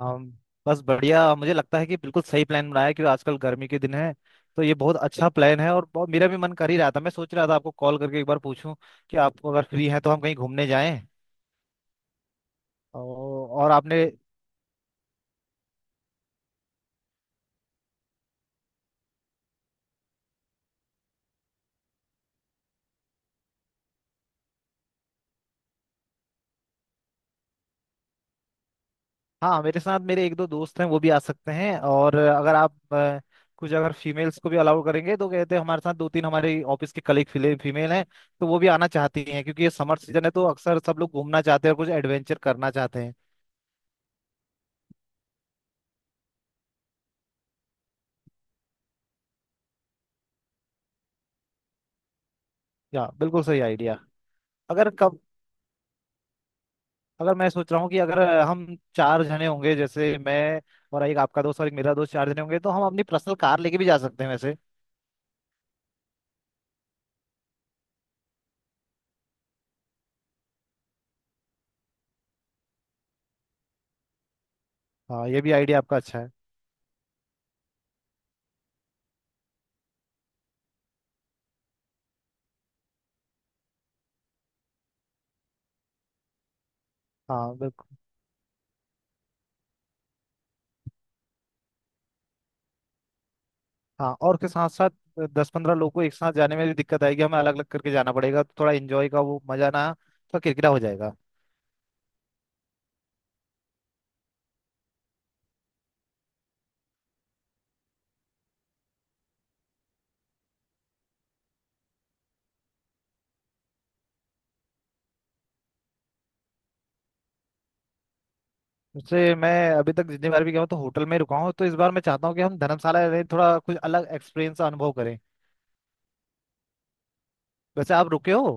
हम बस बढ़िया, मुझे लगता है कि बिल्कुल सही प्लान बनाया है, क्योंकि आजकल गर्मी के दिन है। तो ये बहुत अच्छा प्लान है और बहुत मेरा भी मन कर ही रहा था, मैं सोच रहा था आपको कॉल करके एक बार पूछूं कि आप अगर फ्री हैं तो हम कहीं घूमने जाएं। और आपने। हाँ, मेरे साथ मेरे 1-2 दोस्त हैं, वो भी आ सकते हैं, और अगर आप कुछ अगर फीमेल्स को भी अलाउ करेंगे तो कहते हैं हमारे साथ 2-3 ऑफिस के कलीग फीमेल हैं, तो वो भी आना चाहती हैं, क्योंकि ये समर सीजन है तो अक्सर सब लोग घूमना चाहते हैं और कुछ एडवेंचर करना चाहते हैं। या, बिल्कुल सही आइडिया। अगर कब अगर मैं सोच रहा हूँ कि अगर हम 4 जने मैं और एक आपका दोस्त और एक मेरा दोस्त, 4 जने हम अपनी पर्सनल कार लेके भी जा सकते हैं वैसे। हाँ, ये भी आइडिया आपका अच्छा है। हाँ बिल्कुल। हाँ, और उसके साथ साथ 10-15 लोग को एक साथ जाने में भी दिक्कत आएगी, हमें अलग अलग करके जाना पड़ेगा तो थोड़ा एंजॉय का वो मजा ना थोड़ा किरकिरा हो जाएगा। उससे मैं अभी तक जितनी बार भी गया हूँ तो होटल में ही रुका हूँ, तो इस बार मैं चाहता हूँ कि हम धर्मशाला में थोड़ा कुछ अलग एक्सपीरियंस अनुभव करें। वैसे आप रुके हो?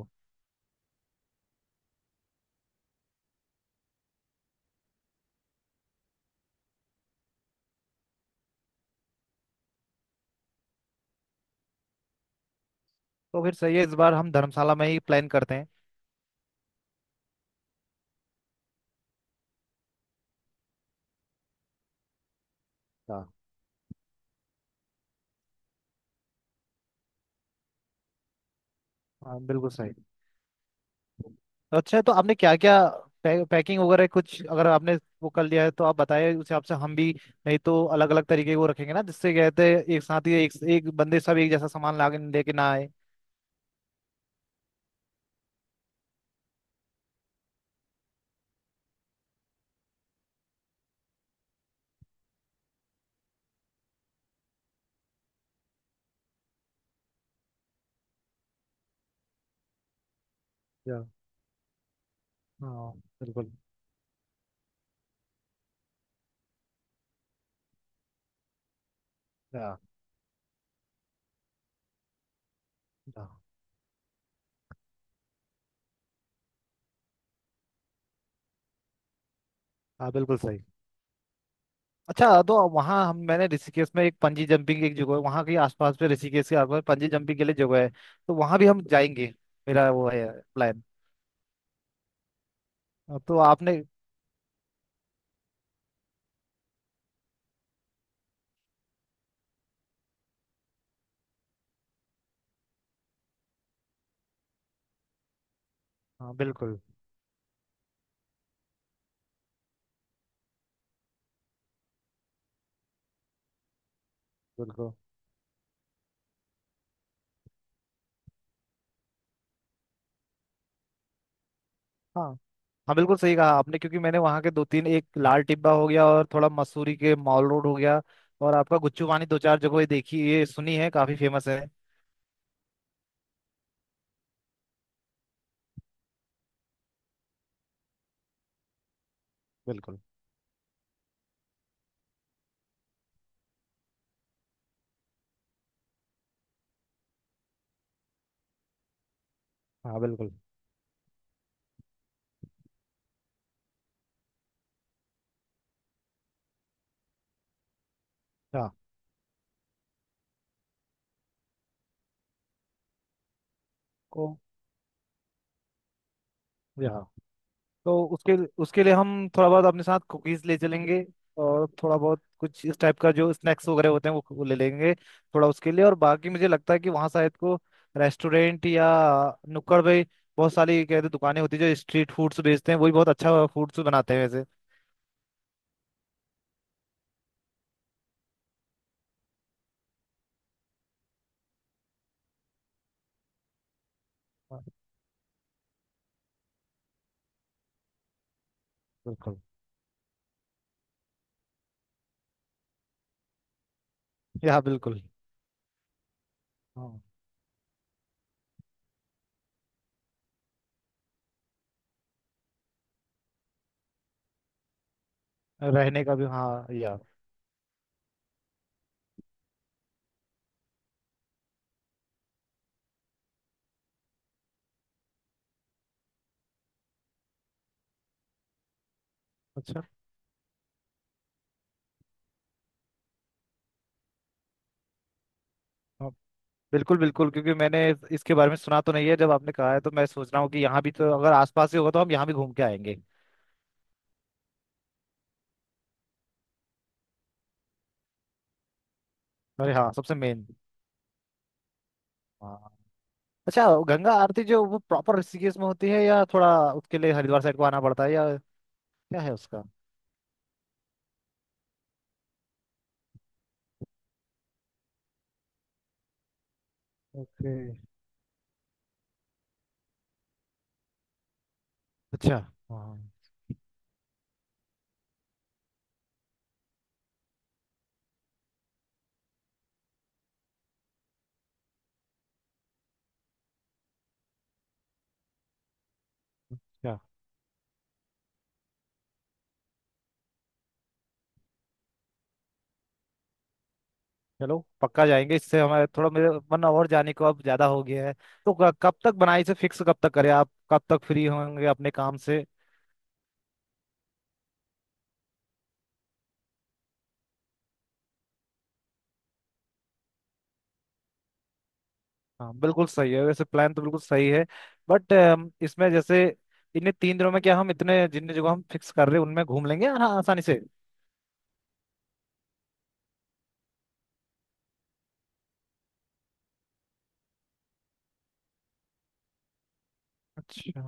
तो फिर सही है, इस बार हम धर्मशाला में ही प्लान करते हैं। हाँ। हाँ, बिल्कुल सही। अच्छा तो आपने क्या क्या पैकिंग वगैरह कुछ अगर आपने वो कर लिया है तो आप बताइए, उस हिसाब से हम भी। नहीं तो अलग अलग तरीके के वो रखेंगे ना, जिससे कहते हैं एक साथ ही एक एक बंदे सब एक जैसा सामान लाके लेके ना आए। या। हाँ बिल्कुल। या। या, हाँ बिल्कुल सही। अच्छा तो वहाँ हम, मैंने ऋषिकेश में एक पंजी जंपिंग की एक जगह है, वहाँ के आसपास पे, ऋषिकेश के आसपास पंजी जंपिंग के लिए जगह है, तो वहाँ भी हम जाएंगे। मेरा वो है प्लान। अब तो आपने। हाँ बिल्कुल बिल्कुल। हाँ। हाँ बिल्कुल सही कहा आपने, क्योंकि मैंने वहाँ के 2-3, एक लाल टिब्बा हो गया और थोड़ा मसूरी के मॉल रोड हो गया, और आपका गुच्चू वानी, 2-4 जगह ये देखी ये सुनी है, काफी फेमस है। बिल्कुल। हाँ बिल्कुल। हाँ को यहाँ, तो उसके उसके लिए हम थोड़ा बहुत अपने साथ कुकीज ले चलेंगे, और थोड़ा बहुत कुछ इस टाइप का जो स्नैक्स वगैरह होते हैं वो ले लेंगे थोड़ा उसके लिए, और बाकी मुझे लगता है कि वहाँ शायद को रेस्टोरेंट या नुक्कड़ भाई बहुत सारी कहते दुकानें होती है जो स्ट्रीट फूड्स बेचते हैं, वो भी बहुत अच्छा फूड्स बनाते हैं वैसे। बिल्कुल। या, बिल्कुल। हाँ, रहने का भी, हाँ, या। अच्छा, हाँ, बिल्कुल बिल्कुल, क्योंकि मैंने इसके बारे में सुना तो नहीं है, जब आपने कहा है तो मैं सोच रहा हूँ कि यहाँ भी तो अगर आसपास ही होगा तो हम यहाँ भी घूम के आएंगे। अरे हाँ, सबसे मेन। हाँ। अच्छा, गंगा आरती जो वो प्रॉपर ऋषिकेश में होती है या थोड़ा उसके लिए हरिद्वार साइड को आना पड़ता है, या क्या है उसका? ओके। अच्छा। हाँ। क्या? चलो पक्का जाएंगे, इससे हमारे थोड़ा, मेरे मन और जाने को अब ज्यादा हो गया है। तो कब तक बनाई से फिक्स, कब तक करें? आप कब तक फ्री होंगे अपने काम से? हाँ बिल्कुल सही है, वैसे प्लान तो बिल्कुल सही है। बट इसमें जैसे, इन्हीं 3 दिनों में क्या हम इतने जितने जगह हम फिक्स कर रहे हैं उनमें घूम लेंगे? हाँ, आसानी से। अच्छा।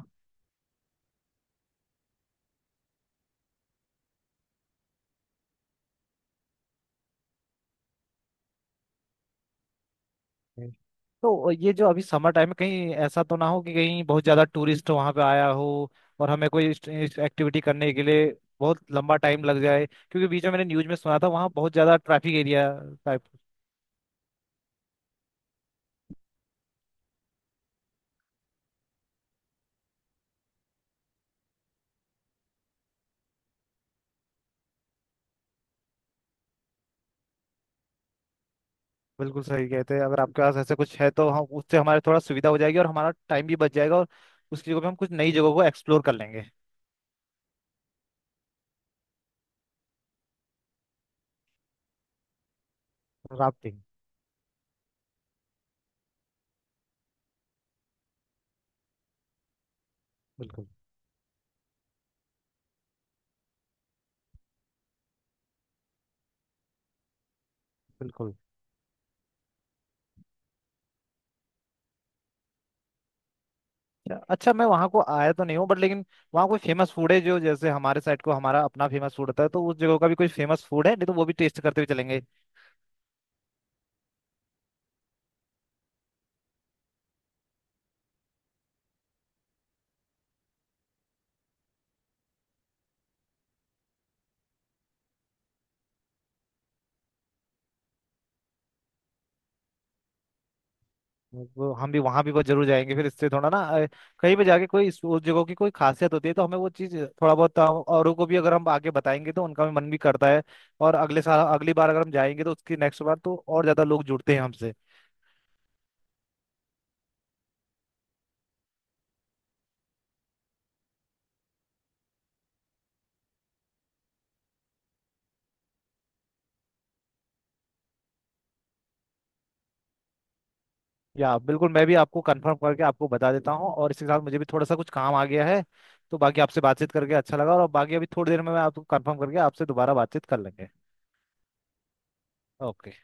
Okay। तो ये जो अभी समर टाइम में, कहीं ऐसा तो ना हो कि कहीं बहुत ज्यादा टूरिस्ट वहां पे आया हो और हमें कोई एक्टिविटी करने के लिए बहुत लंबा टाइम लग जाए, क्योंकि बीच में मैंने न्यूज में सुना था वहाँ बहुत ज्यादा ट्रैफिक एरिया टाइप। बिल्कुल सही कहते हैं, अगर आपके पास ऐसा कुछ है तो हम उससे, हमारे थोड़ा सुविधा हो जाएगी और हमारा टाइम भी बच जाएगा, और उसकी जगह पे हम कुछ नई जगहों को एक्सप्लोर कर लेंगे। राफ्टिंग, बिल्कुल बिल्कुल। अच्छा अच्छा, मैं वहाँ को आया तो नहीं हूँ, बट लेकिन वहाँ कोई फेमस फूड है? जो जैसे हमारे साइड को हमारा अपना फेमस फूड होता है, तो उस जगह का भी कोई फेमस फूड है, नहीं तो वो भी टेस्ट करते हुए चलेंगे। वो हम भी वहाँ भी बहुत जरूर जाएंगे, फिर इससे थोड़ा ना कहीं पे जाके कोई उस जगह की कोई खासियत होती है तो हमें वो चीज़ थोड़ा बहुत, औरों को भी अगर हम आगे बताएंगे तो उनका भी मन भी करता है, और अगले साल अगली बार अगर हम जाएंगे तो उसकी नेक्स्ट बार तो और ज्यादा लोग जुड़ते हैं हमसे। या बिल्कुल, मैं भी आपको कंफर्म करके आपको बता देता हूँ, और इसके साथ मुझे भी थोड़ा सा कुछ काम आ गया है, तो बाकी आपसे बातचीत करके अच्छा लगा, और बाकी अभी थोड़ी देर में मैं आपको कंफर्म करके आपसे दोबारा बातचीत कर लेंगे। ओके।